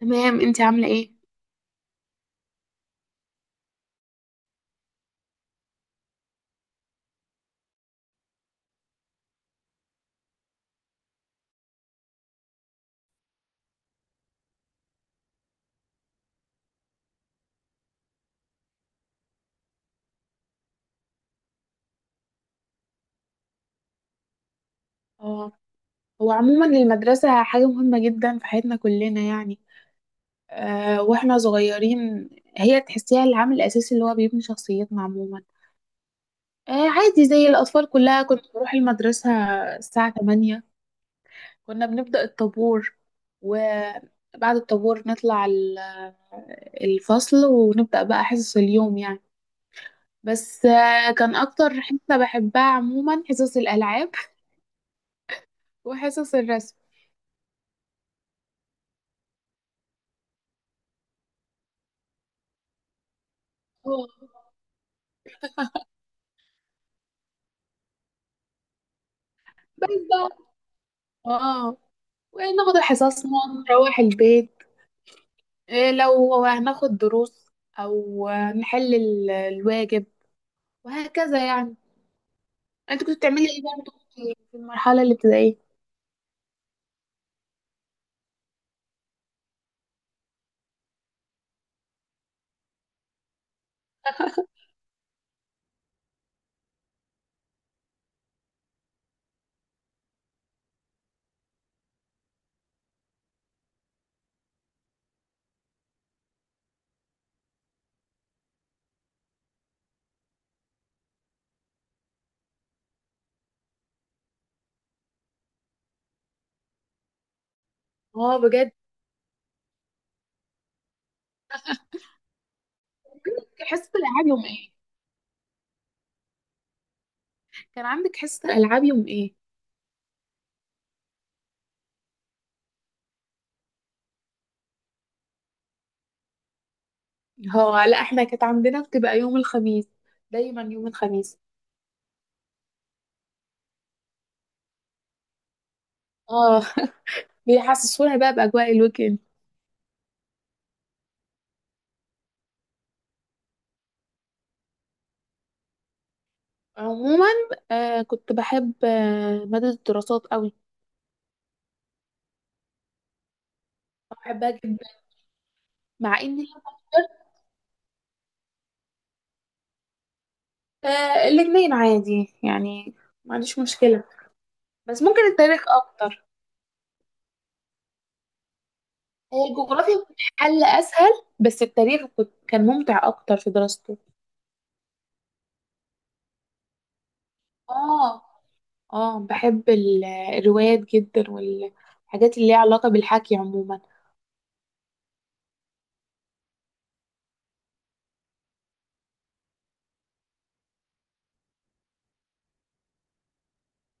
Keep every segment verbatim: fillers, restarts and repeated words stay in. تمام انتي عاملة ايه؟ اه. هو عموما المدرسة حاجة مهمة جدا في حياتنا كلنا يعني. آه واحنا صغيرين. هي تحسيها العامل الأساسي اللي هو بيبني شخصيتنا عموما. آه عادي زي الأطفال كلها، كنت بروح المدرسة الساعة تمانية. كنا بنبدأ الطابور، وبعد الطابور نطلع ال- الفصل ونبدأ بقى حصص اليوم يعني. بس آه كان أكتر حصة بحبها عموما حصص الألعاب وحصص الرسم. اه. بس بقى، اه وناخد حصصنا، نروح البيت، إيه لو هناخد دروس او نحل ال- الواجب وهكذا يعني. انت كنت بتعملي ايه برضه في في المرحله الابتدائيه؟ اه بجد. حصه الالعاب يوم ايه؟ كان عندك حصه العاب يوم ايه؟ هو لا، احنا كانت عندنا بتبقى يوم الخميس، دايما يوم الخميس. اه بيحسسونا بقى باجواء الويكند. عموما آه كنت بحب آه ماده الدراسات قوي. بحبها جدا. مع اني آه الاتنين عادي يعني، ما عنديش مشكلة، بس ممكن التاريخ أكتر. هي الجغرافيا كانت حل أسهل، بس التاريخ كنت كان ممتع أكتر في دراسته. اه. اه، بحب ال- الروايات جدا والحاجات اللي ليها علاقة بالحكي عموما.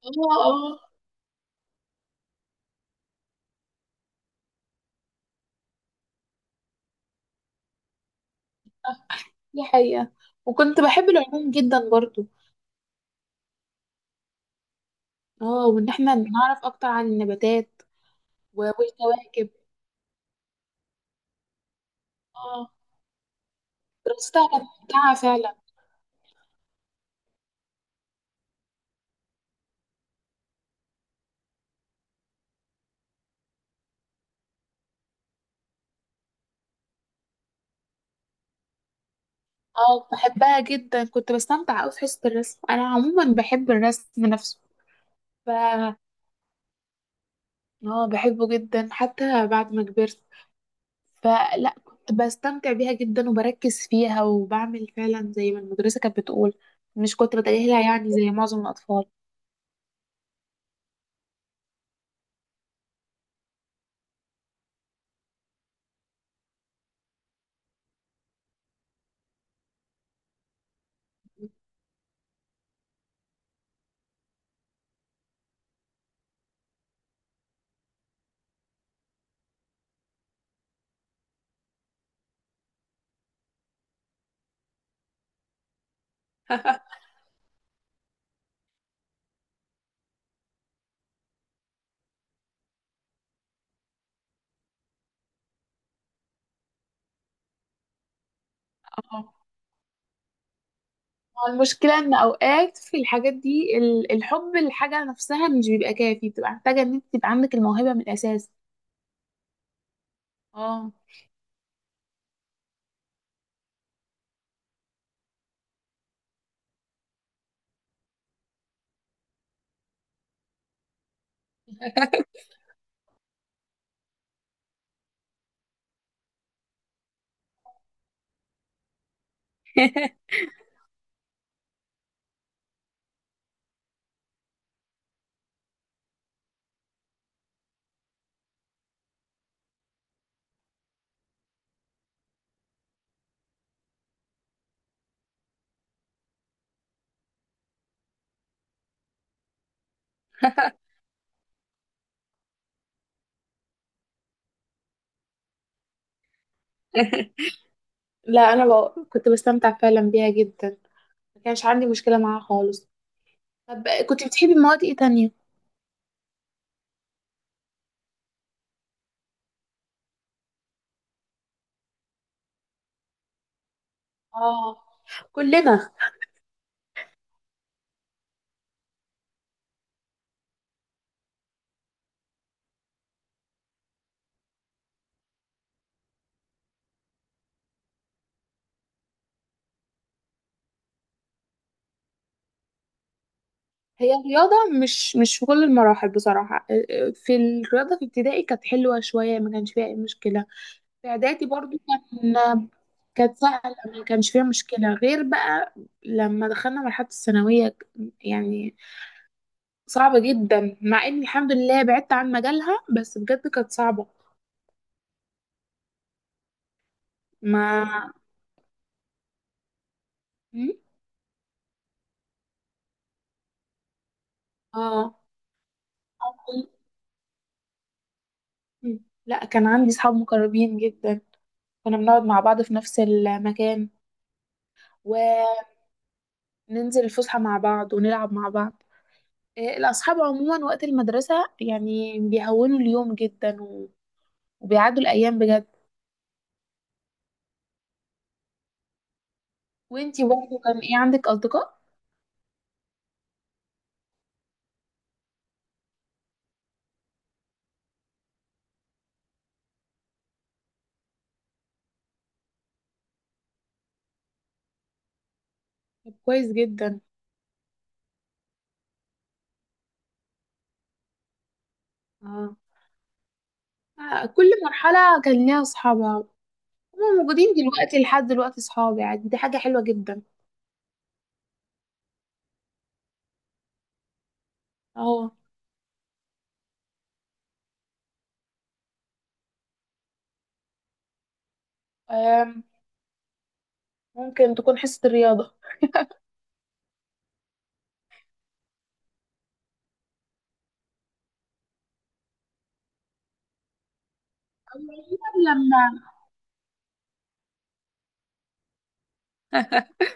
اه. اه، دي حقيقة. وكنت بحب العلوم جدا برضو. اه، وإن احنا نعرف أكتر عن النباتات و- والكواكب. اه، دراستها كانت ممتعة فعلا. اه، بحبها جدا، كنت بستمتع أوي في حصة الرسم، أنا عموما بحب الرسم نفسه. ف اه، بحبه جدا حتى بعد ما كبرت. فلا كنت بستمتع بيها جدا وبركز فيها وبعمل فعلا زي ما المدرسة كانت بتقول، مش كنت بتجاهلها يعني زي معظم الأطفال. اه، هو المشكلة إن أوقات في الحاجات دي، ال- الحب للحاجة نفسها مش بيبقى كافي، بتبقى محتاجة إن أنت تبقى عندك الموهبة من الأساس. اه. لا، أنا بق- كنت بستمتع فعلا بيها جدا، ما كانش عندي مشكلة معاها خالص. طب كنت بتحبي مواد ايه تانية؟ اه، كلنا. هي الرياضة مش مش في كل المراحل بصراحة، آه، آه، في الرياضة في ابتدائي كانت حلوة شوية، ما كانش فيها أي مشكلة. في إعدادي برضو كان كانت سهلة، ما كانش فيها مشكلة، غير بقى لما دخلنا مرحلة الثانوية يعني صعبة جدا. مع إني الحمد لله بعدت عن مجالها، بس بجد كانت صعبة. ما م? اه، لا، كان عندي صحاب مقربين جدا، كنا بنقعد مع بعض في نفس المكان، وننزل الفسحة مع بعض ونلعب مع بعض. إيه، الأصحاب عموما وقت المدرسة يعني بيهونوا اليوم جدا، و- وبيعدوا الأيام بجد. وانتي برضه كان ايه عندك أصدقاء؟ طب كويس جدا. اه. آه، كل مرحلة كان ليها أصحابها. هما موجودين دلوقتي لحد دلوقتي، أصحابي يعني، دي حاجة حلوة جدا. اه. آم، ممكن تكون حصة الرياضة، أو عموماً لما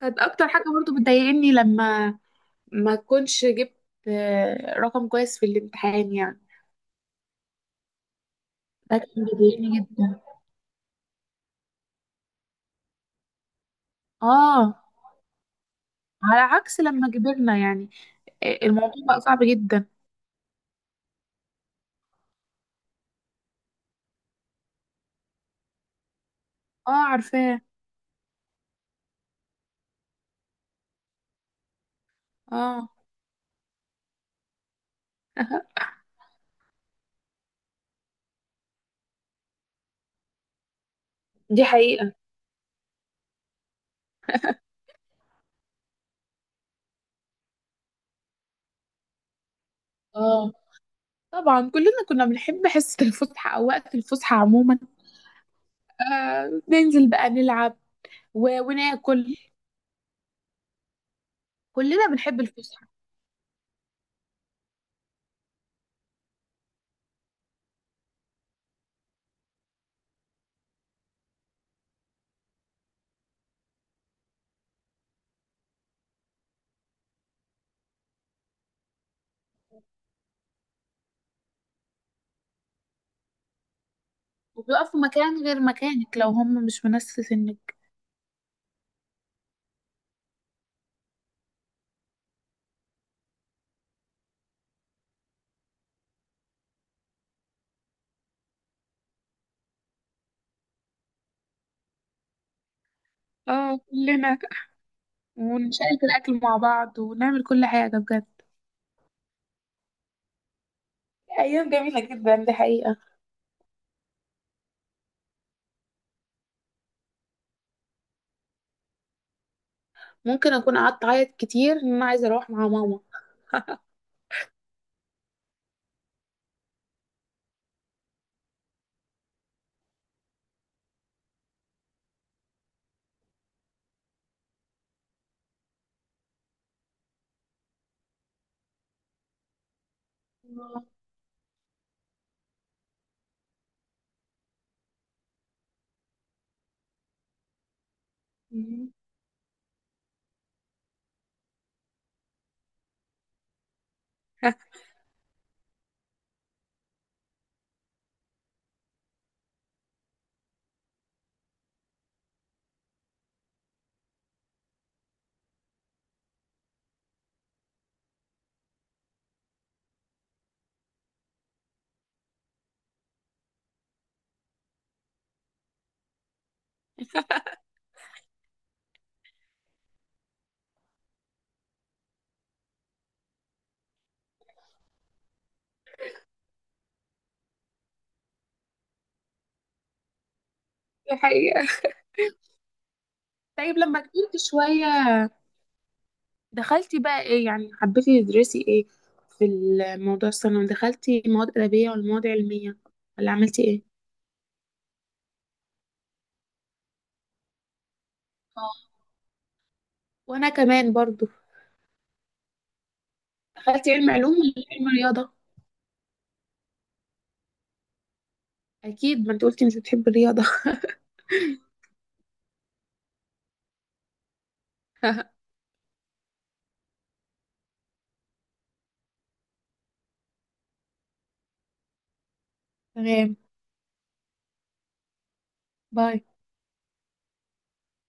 كانت أكتر حاجة برضه بتضايقني لما ما كنتش جبت آه، رقم كويس في الامتحان يعني. ده كان بيضايقني جدا. اه، على عكس لما كبرنا يعني، آه، الموضوع بقى صعب جدا. اه، عارفاه. اه دي حقيقة. اه، طبعا كلنا كنا بنحب حصة الفسحة أو وقت الفسحة عموما. آه ننزل بقى نلعب و... وناكل. كلنا بنحب الفسحة. وبيقفوا مكان غير مكانك لو هم مش من نفس سنك. اه، كلنا، ونشارك الأكل مع بعض ونعمل كل حاجة بجد. ايام جميله جدا، دي حقيقه. ممكن اكون قعدت اعيط كتير ان انا عايزه اروح مع ماما. مم. دي حقيقه. طيب لما كبرت شويه دخلتي بقى ايه، يعني حبيتي تدرسي ايه؟ في الموضوع الثانوي دخلتي مواد ادبيه ولا مواد علميه؟ ولا عملتي ايه؟ آه. وانا كمان برضو. دخلتي علم علوم ولا علم رياضه؟ اكيد، ما انت قلتي مش بتحبي الرياضه. تمام. باي.